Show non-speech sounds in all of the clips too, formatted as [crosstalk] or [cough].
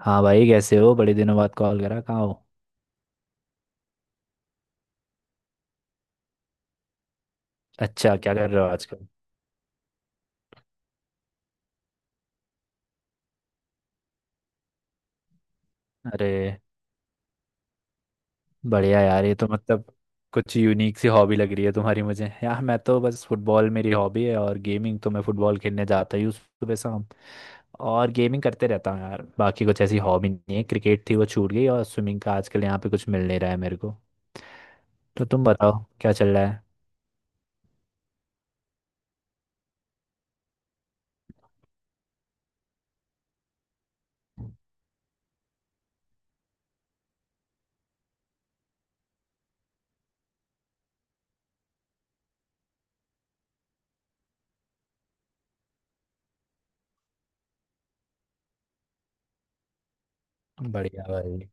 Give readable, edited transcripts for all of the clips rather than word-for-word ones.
हाँ भाई, कैसे हो? बड़े दिनों बाद कॉल करा, कहाँ हो? अच्छा, क्या कर रहे हो आजकल? अरे बढ़िया यार, ये तो मतलब कुछ यूनिक सी हॉबी लग रही है तुम्हारी मुझे। यार मैं तो बस फुटबॉल मेरी हॉबी है और गेमिंग। तो मैं फुटबॉल खेलने जाता ही हूँ सुबह शाम, और गेमिंग करते रहता हूँ यार। बाकी कुछ ऐसी हॉबी नहीं है, क्रिकेट थी वो छूट गई, और स्विमिंग का आजकल यहाँ पे कुछ मिल नहीं रहा है मेरे को। तो तुम बताओ, क्या चल रहा है? बढ़िया भाई।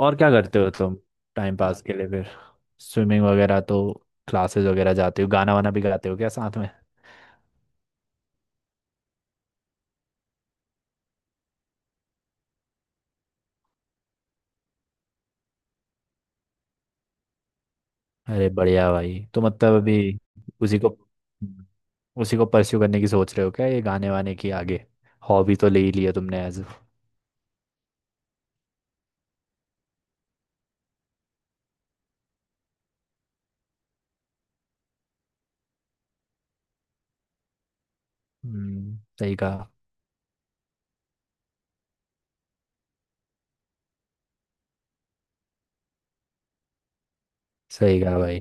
और क्या करते हो तुम टाइम पास के लिए फिर? स्विमिंग वगैरह तो, क्लासेस वगैरह जाते हो? गाना वाना भी गाते हो क्या साथ में? अरे बढ़िया भाई, तो मतलब अभी उसी को उसी को परस्यू करने की सोच रहे हो क्या, ये गाने वाने की आगे? हॉबी तो ले ही लिया तुमने एज। सही कहा। सही कहा भाई।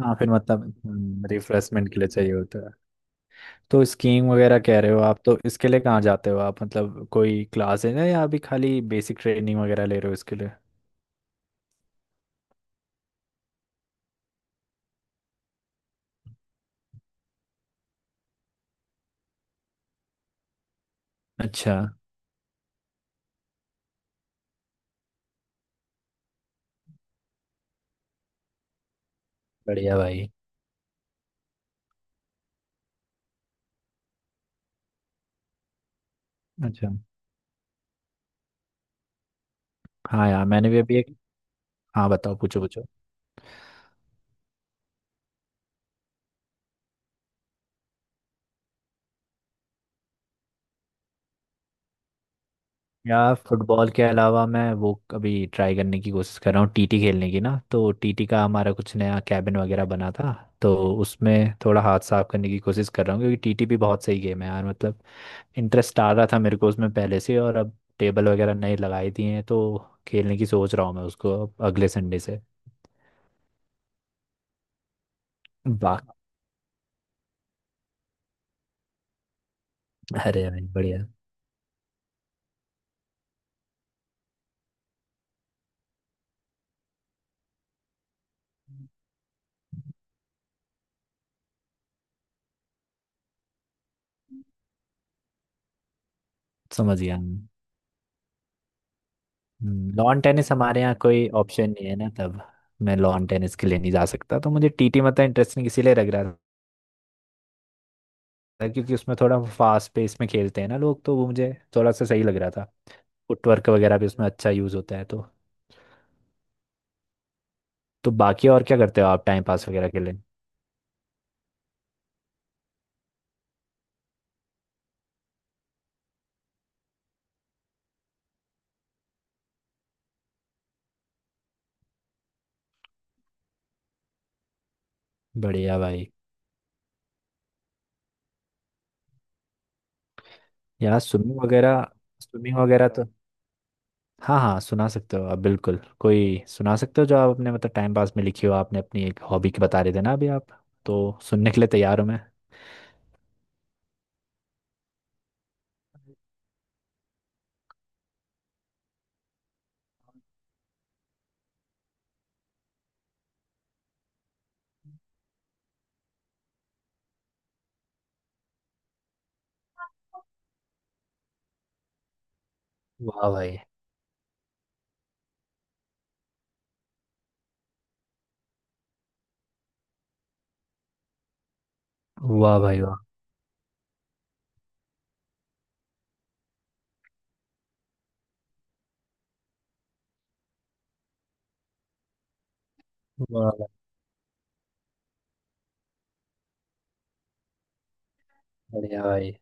हाँ, फिर मतलब रिफ्रेशमेंट के लिए चाहिए होता है। तो स्कीइंग वगैरह कह रहे हो आप, तो इसके लिए कहाँ जाते हो आप? मतलब कोई क्लास है ना, या अभी खाली बेसिक ट्रेनिंग वगैरह ले रहे हो इसके लिए? अच्छा। बढ़िया भाई। अच्छा। हाँ यार, मैंने भी अभी एक। हाँ बताओ, पूछो पूछो। यार फुटबॉल के अलावा मैं वो अभी ट्राई करने की कोशिश कर रहा हूँ टीटी खेलने की ना, तो टीटी का हमारा कुछ नया कैबिन वगैरह बना था। तो उसमें थोड़ा हाथ साफ करने की कोशिश कर रहा हूँ, क्योंकि टीटी भी बहुत सही गेम है यार मतलब। इंटरेस्ट आ रहा था मेरे को उसमें पहले से, और अब टेबल वगैरह नई लगाई दी हैं, तो खेलने की सोच रहा हूँ मैं उसको अब अगले संडे से। वाह। अरे भाई बढ़िया। समझ गया। लॉन टेनिस हमारे यहाँ कोई ऑप्शन नहीं है ना तब, मैं लॉन टेनिस के लिए नहीं जा सकता, तो मुझे टीटी मतलब इंटरेस्टिंग इसीलिए लग रहा था, क्योंकि उसमें थोड़ा फास्ट पेस में खेलते हैं ना लोग, तो वो मुझे थोड़ा सा सही लग रहा था। फुटवर्क वगैरह भी उसमें अच्छा यूज़ होता है तो। तो बाकी और क्या करते हो आप टाइम पास वगैरह के लिए? बढ़िया भाई। यहाँ स्विमिंग वगैरह तो, हाँ हाँ सुना सकते हो आप बिल्कुल, कोई सुना सकते हो जो आप अपने मतलब टाइम पास में लिखी हो आपने। अपनी एक हॉबी की बता रहे थे ना अभी आप, तो सुनने के लिए तैयार हूँ मैं। वाह भाई। वाह भाई वाह। वाह भाई, बढ़िया भाई।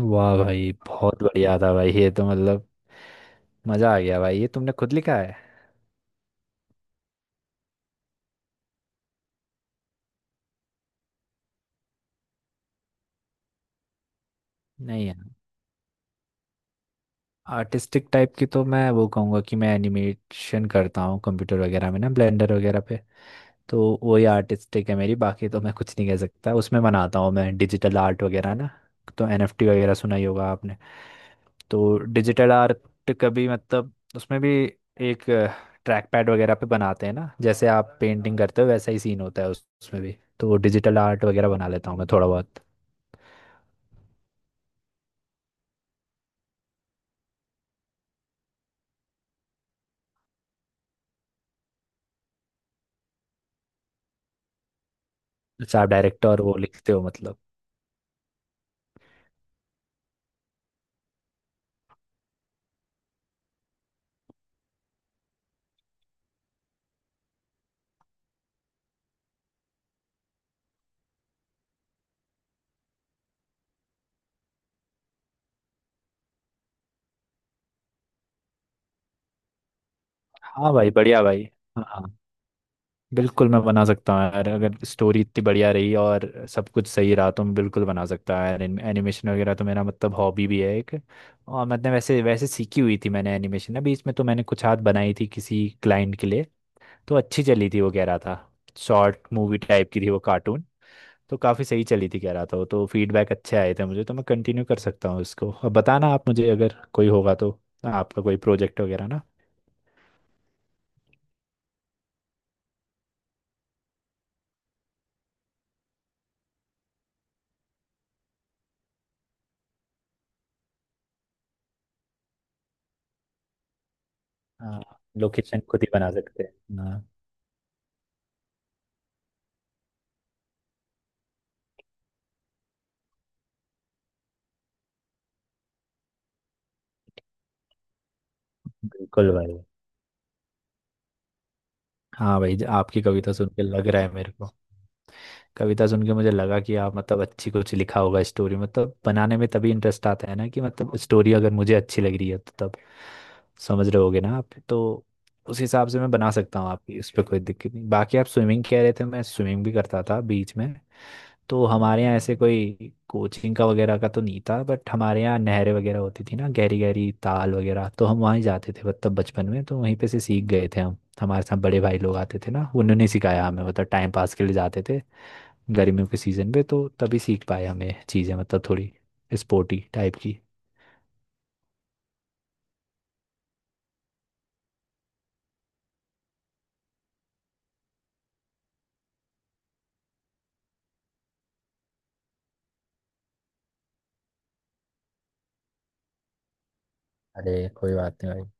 वाह भाई बहुत बढ़िया था भाई, ये तो मतलब मजा आ गया भाई। ये तुमने खुद लिखा है? नहीं यार, आर्टिस्टिक टाइप की तो मैं वो कहूँगा कि मैं एनिमेशन करता हूँ कंप्यूटर वगैरह में ना, ब्लेंडर वगैरह पे, तो वही आर्टिस्टिक है मेरी। बाकी तो मैं कुछ नहीं कह सकता, उसमें बनाता हूँ मैं डिजिटल आर्ट वगैरह ना, तो एनएफटी वगैरह सुना ही होगा आपने। तो डिजिटल आर्ट कभी मतलब उसमें भी एक ट्रैक पैड वगैरह पे बनाते हैं ना, जैसे आप पेंटिंग करते हो वैसा ही सीन होता है उसमें भी। तो डिजिटल आर्ट वगैरह बना लेता हूँ मैं थोड़ा बहुत। अच्छा, आप डायरेक्टर वो लिखते हो मतलब। हाँ भाई, बढ़िया भाई। हाँ बिल्कुल, मैं बना सकता हूँ यार, अगर स्टोरी इतनी बढ़िया रही और सब कुछ सही रहा तो मैं बिल्कुल बना सकता हूँ यार। एनिमेशन वगैरह तो मेरा मतलब हॉबी भी है एक, और मतलब वैसे वैसे सीखी हुई थी मैंने एनिमेशन। अभी इसमें तो मैंने कुछ हाथ बनाई थी किसी क्लाइंट के लिए, तो अच्छी चली थी वो कह रहा था। शॉर्ट मूवी टाइप की थी वो, कार्टून, तो काफ़ी सही चली थी कह रहा था वो, तो फीडबैक अच्छे आए थे मुझे, तो मैं कंटिन्यू कर सकता हूँ इसको अब। बताना आप मुझे अगर कोई होगा तो, आपका कोई प्रोजेक्ट वगैरह ना। हाँ, लोकेशन खुद ही बना सकते हैं, हाँ। बिल्कुल भाई। हाँ भाई, आपकी कविता सुन के लग रहा है मेरे को। कविता सुन के मुझे लगा कि आप मतलब अच्छी कुछ लिखा होगा, स्टोरी मतलब बनाने में तभी इंटरेस्ट आता है ना, कि मतलब स्टोरी अगर मुझे अच्छी लग रही है तो तब समझ रहे होगे ना आप तो। उस हिसाब से मैं बना सकता हूँ आपकी, उस पर कोई दिक्कत नहीं। बाकी आप स्विमिंग कह रहे थे, मैं स्विमिंग भी करता था बीच में। तो हमारे यहाँ ऐसे कोई कोचिंग का वगैरह का तो नहीं था, बट हमारे यहाँ नहरें वगैरह होती थी ना, गहरी गहरी ताल वगैरह, तो हम वहीं जाते थे मतलब बचपन में, तो वहीं पे से सीख गए थे हम। हमारे साथ बड़े भाई लोग आते थे ना, उन्होंने सिखाया हमें मतलब, टाइम पास के लिए जाते थे गर्मियों के सीज़न पे, तो तभी सीख पाए हमें चीज़ें मतलब थोड़ी स्पोर्टी टाइप की। अरे कोई बात नहीं भाई।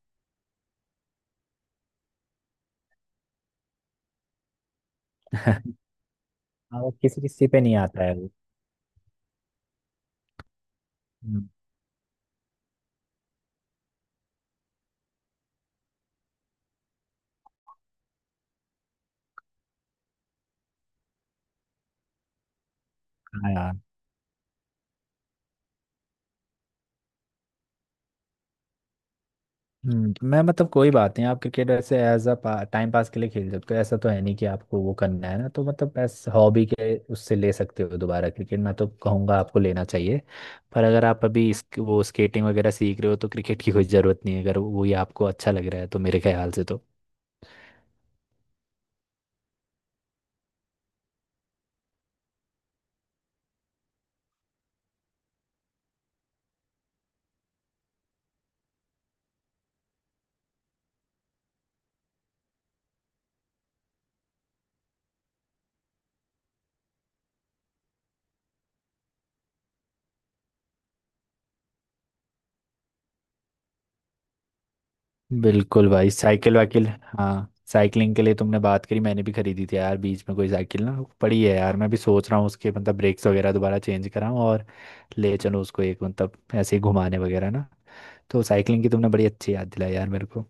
[laughs] हाँ वो किसी किसी पे नहीं आता है वो। हम्म। हाँ यार। तो मैं मतलब कोई बात नहीं, आप क्रिकेट ऐसे एज अ टाइम पास के लिए खेल सकते हो, ऐसा तो है नहीं कि आपको वो करना है ना, तो मतलब ऐसे हॉबी के उससे ले सकते हो दोबारा क्रिकेट, मैं तो कहूँगा आपको लेना चाहिए। पर अगर आप अभी वो स्केटिंग वगैरह सीख रहे हो, तो क्रिकेट की कोई ज़रूरत नहीं है, अगर वो ही आपको अच्छा लग रहा है तो मेरे ख्याल से तो। बिल्कुल भाई। साइकिल वाइकिल, हाँ, साइकिलिंग के लिए तुमने बात करी, मैंने भी खरीदी थी यार बीच में कोई साइकिल ना, पड़ी है यार, मैं भी सोच रहा हूँ उसके मतलब ब्रेक्स वगैरह दोबारा चेंज कराऊँ, और ले चलूँ उसको एक, मतलब ऐसे ही घुमाने वगैरह ना। तो साइकिलिंग की तुमने बड़ी अच्छी याद दिलाई यार मेरे को।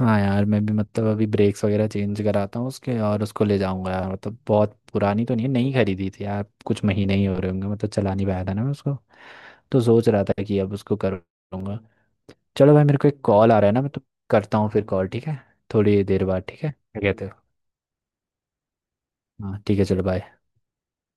हाँ यार, मैं भी मतलब अभी ब्रेक्स वगैरह चेंज कराता हूँ उसके, और उसको ले जाऊंगा यार। मतलब बहुत पुरानी तो नहीं है, नई खरीदी थी यार, कुछ महीने ही हो रहे होंगे, मतलब चला नहीं पाया था ना मैं उसको, तो सोच रहा था कि अब उसको करूँगा। चलो भाई, मेरे को एक कॉल आ रहा है ना, मैं तो करता हूँ फिर कॉल, ठीक है? थोड़ी देर बाद, ठीक है, क्या कहते हो? हाँ ठीक है, चलो बाय।